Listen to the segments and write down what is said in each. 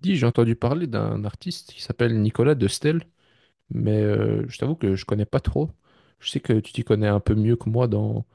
Dis, j'ai entendu parler d'un artiste qui s'appelle Nicolas de Stel, mais je t'avoue que je connais pas trop. Je sais que tu t'y connais un peu mieux que moi dans,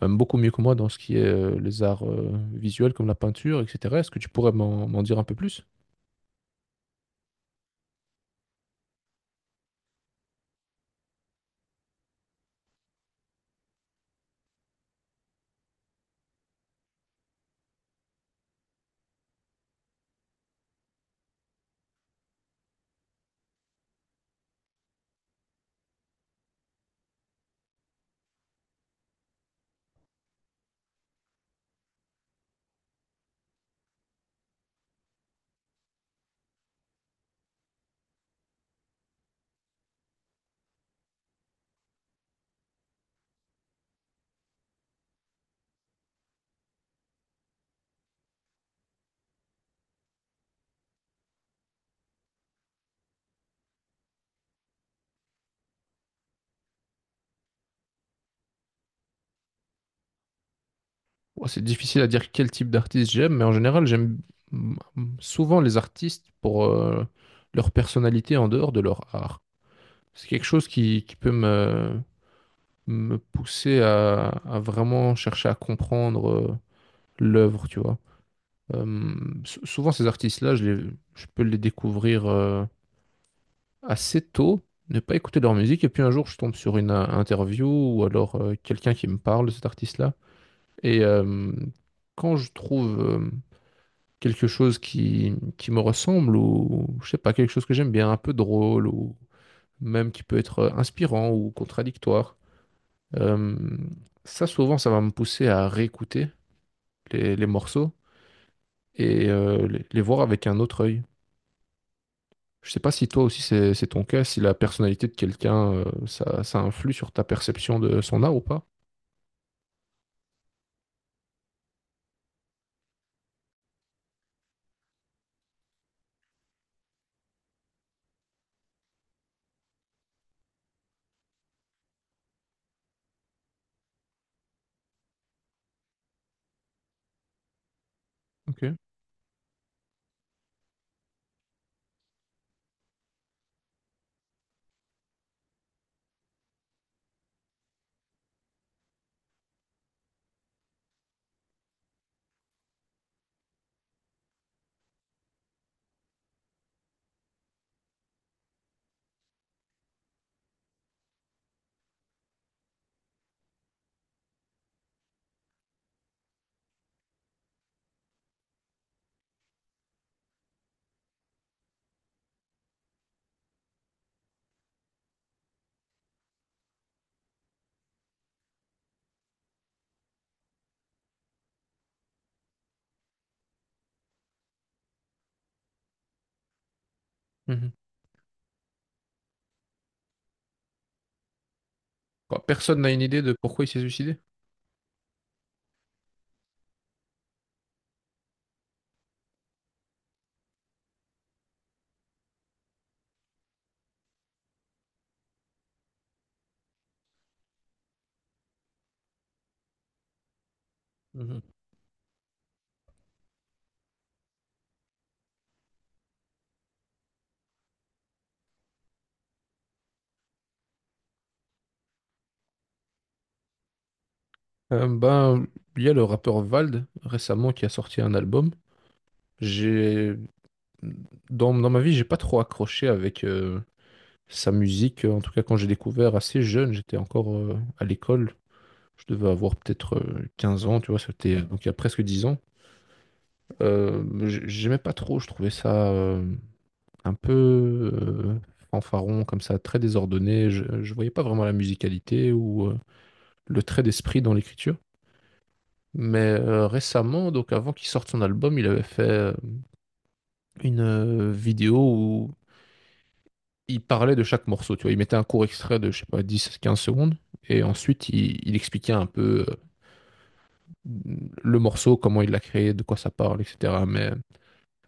même beaucoup mieux que moi dans ce qui est les arts visuels comme la peinture, etc. Est-ce que tu pourrais m'en dire un peu plus? Bon, c'est difficile à dire quel type d'artiste j'aime, mais en général, j'aime mm, souvent les artistes pour leur personnalité en dehors de leur art. C'est quelque chose qui peut me, me pousser à vraiment chercher à comprendre l'œuvre, tu vois. Euh, Souvent, ces artistes-là, je peux les découvrir assez tôt, ne pas écouter leur musique, et puis un jour, je tombe sur une interview ou alors quelqu'un qui me parle de cet artiste-là. Et quand je trouve quelque chose qui me ressemble, ou je sais pas, quelque chose que j'aime bien, un peu drôle, ou même qui peut être inspirant ou contradictoire, euh, ça, souvent, ça va me pousser à réécouter les morceaux et les voir avec un autre œil. Je sais pas si toi aussi c'est ton cas, si la personnalité de quelqu'un, ça, ça influe sur ta perception de son art ou pas. Ok. Mhm. Bah, personne n'a une idée de pourquoi il s'est suicidé. Mhm. Euh, ben, il y a le rappeur Vald récemment qui a sorti un album. J'ai dans ma vie, j'ai pas trop accroché avec sa musique. En tout cas, quand j'ai découvert assez jeune, j'étais encore à l'école. Je devais avoir peut-être 15 ans, tu vois, c'était donc il y a presque 10 ans. J'aimais pas trop, je trouvais ça. Un peu fanfaron comme ça, très désordonné. Je, ne voyais pas vraiment la musicalité ou le trait d'esprit dans l'écriture. Mais récemment, donc avant qu'il sorte son album, il avait fait une vidéo où il parlait de chaque morceau. Tu vois, il mettait un court extrait de, je sais pas, dix quinze secondes. Et ensuite, il expliquait un peu le morceau, comment il l'a créé, de quoi ça parle, etc. Mais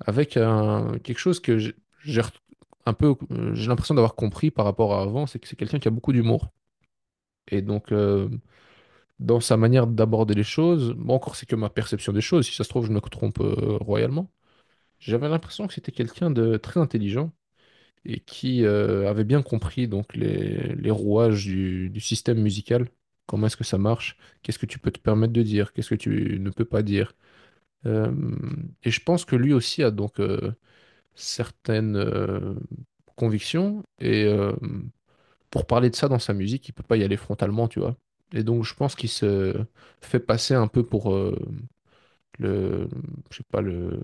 quelque chose que j'ai re- un peu, j'ai l'impression d'avoir compris par rapport à avant, c'est que c'est quelqu'un qui a beaucoup d'humour. Et donc, dans sa manière d'aborder les choses, bon, encore c'est que ma perception des choses, si ça se trouve, je me trompe royalement. J'avais l'impression que c'était quelqu'un de très intelligent et qui avait bien compris donc les rouages du système musical. Comment est-ce que ça marche? Qu'est-ce que tu peux te permettre de dire? Qu'est-ce que tu ne peux pas dire? Euh, et je pense que lui aussi a donc certaines convictions et pour parler de ça dans sa musique, il peut pas y aller frontalement, tu vois. Et donc je pense qu'il se fait passer un peu pour le, je sais pas, le,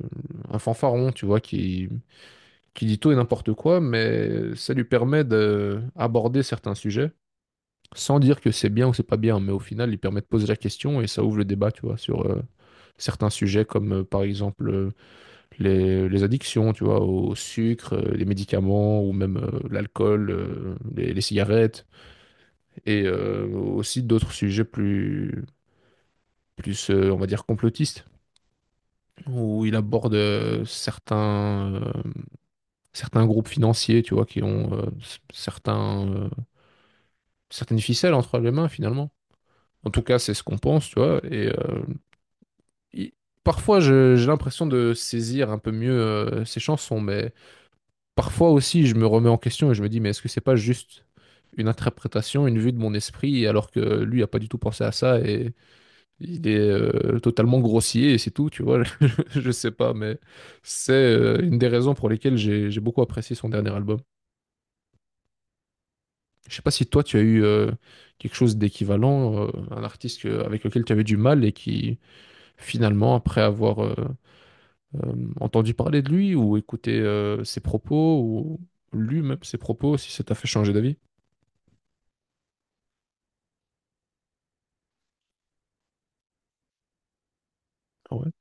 un fanfaron, tu vois, qui dit tout et n'importe quoi, mais ça lui permet d'aborder certains sujets sans dire que c'est bien ou c'est pas bien, mais au final, il permet de poser la question et ça ouvre le débat, tu vois, sur certains sujets comme par exemple les addictions, tu vois, au sucre, les médicaments ou même l'alcool, les cigarettes, et aussi d'autres sujets plus, plus on va dire, complotistes, où il aborde certains, certains groupes financiers, tu vois, qui ont certains, certaines ficelles entre les mains, finalement. En tout cas, c'est ce qu'on pense, tu vois. Et il- parfois, j'ai l'impression de saisir un peu mieux ces chansons, mais parfois aussi, je me remets en question et je me dis, mais est-ce que c'est pas juste une interprétation, une vue de mon esprit, alors que lui a pas du tout pensé à ça et il est totalement grossier et c'est tout, tu vois. Je sais pas, mais c'est une des raisons pour lesquelles j'ai beaucoup apprécié son dernier album. Je sais pas si toi tu as eu quelque chose d'équivalent, avec lequel tu avais du mal et qui finalement, après avoir euh, entendu parler de lui ou écouté ses propos ou lu même ses propos, si ça t'a fait changer d'avis. Ah.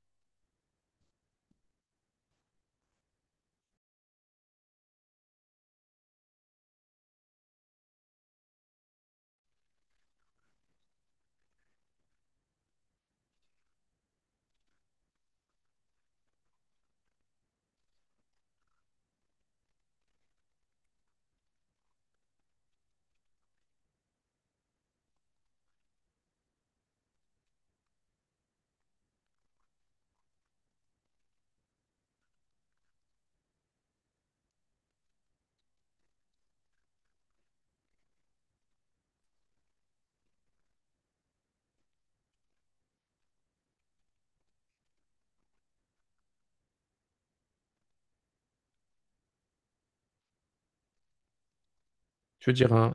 Tu veux dire un...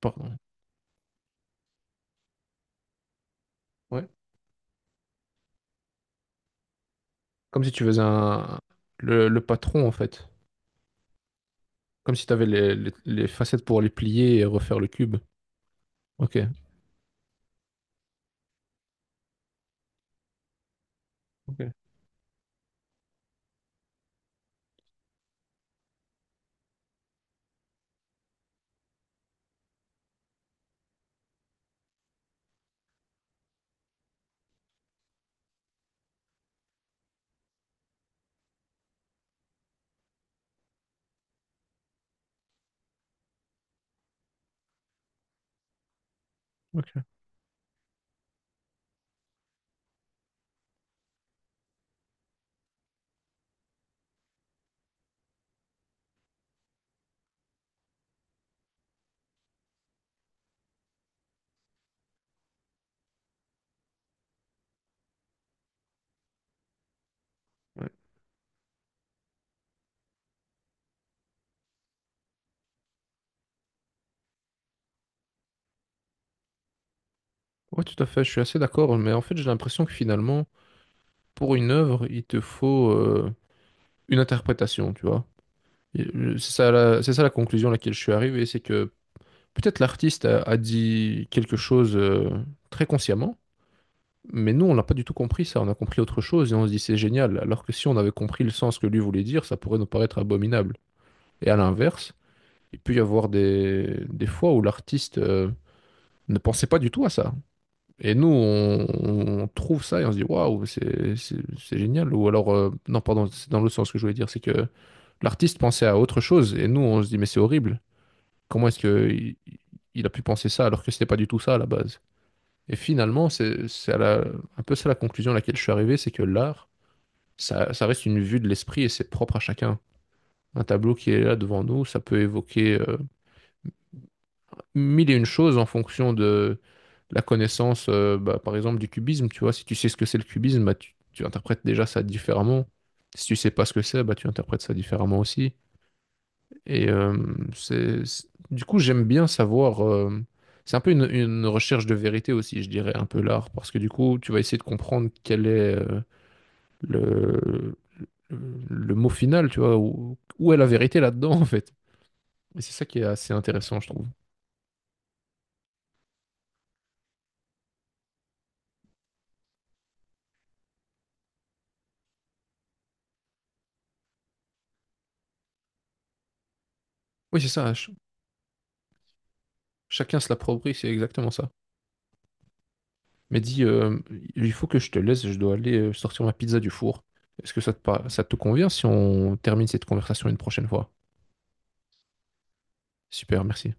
Pardon. Ouais. Comme si tu faisais un... Le patron, en fait. Comme si tu avais les, les facettes pour les plier et refaire le cube. Ok. Ok. Ok. Ouais. Ouais, tout à fait. Je suis assez d'accord. Mais en fait, j'ai l'impression que finalement, pour une œuvre, il te faut une interprétation, tu vois. Et, c'est ça la, c'est ça la conclusion à laquelle je suis arrivé. C'est que peut-être l'artiste a, a dit quelque chose très consciemment, mais nous, on n'a pas du tout compris ça. On a compris autre chose et on se dit c'est génial. Alors que si on avait compris le sens que lui voulait dire, ça pourrait nous paraître abominable. Et à l'inverse, il peut y avoir des fois où l'artiste ne pensait pas du tout à ça. Et nous, on trouve ça et on se dit waouh, c'est génial. Ou alors, non, pardon, c'est dans l'autre sens que je voulais dire, c'est que l'artiste pensait à autre chose et nous, on se dit mais c'est horrible. Comment est-ce que il a pu penser ça alors que c'était pas du tout ça à la base? Et finalement, un peu ça la conclusion à laquelle je suis arrivé, c'est que l'art, ça reste une vue de l'esprit et c'est propre à chacun. Un tableau qui est là devant nous, ça peut évoquer mille et une choses en fonction de la connaissance, bah, par exemple, du cubisme. Tu vois, si tu sais ce que c'est le cubisme, bah, tu interprètes déjà ça différemment. Si tu sais pas ce que c'est, bah, tu interprètes ça différemment aussi. Et du coup, j'aime bien savoir. C'est un peu une recherche de vérité aussi, je dirais, un peu l'art, parce que du coup, tu vas essayer de comprendre quel est, le, le le mot final, tu vois, où, où est la vérité là-dedans, en fait. Et c'est ça qui est assez intéressant, je trouve. Oui, c'est ça, chacun se l'approprie, c'est exactement ça. Mais dis, il faut que je te laisse, je dois aller sortir ma pizza du four. Est-ce que ça te, ça te convient si on termine cette conversation une prochaine fois? Super, merci.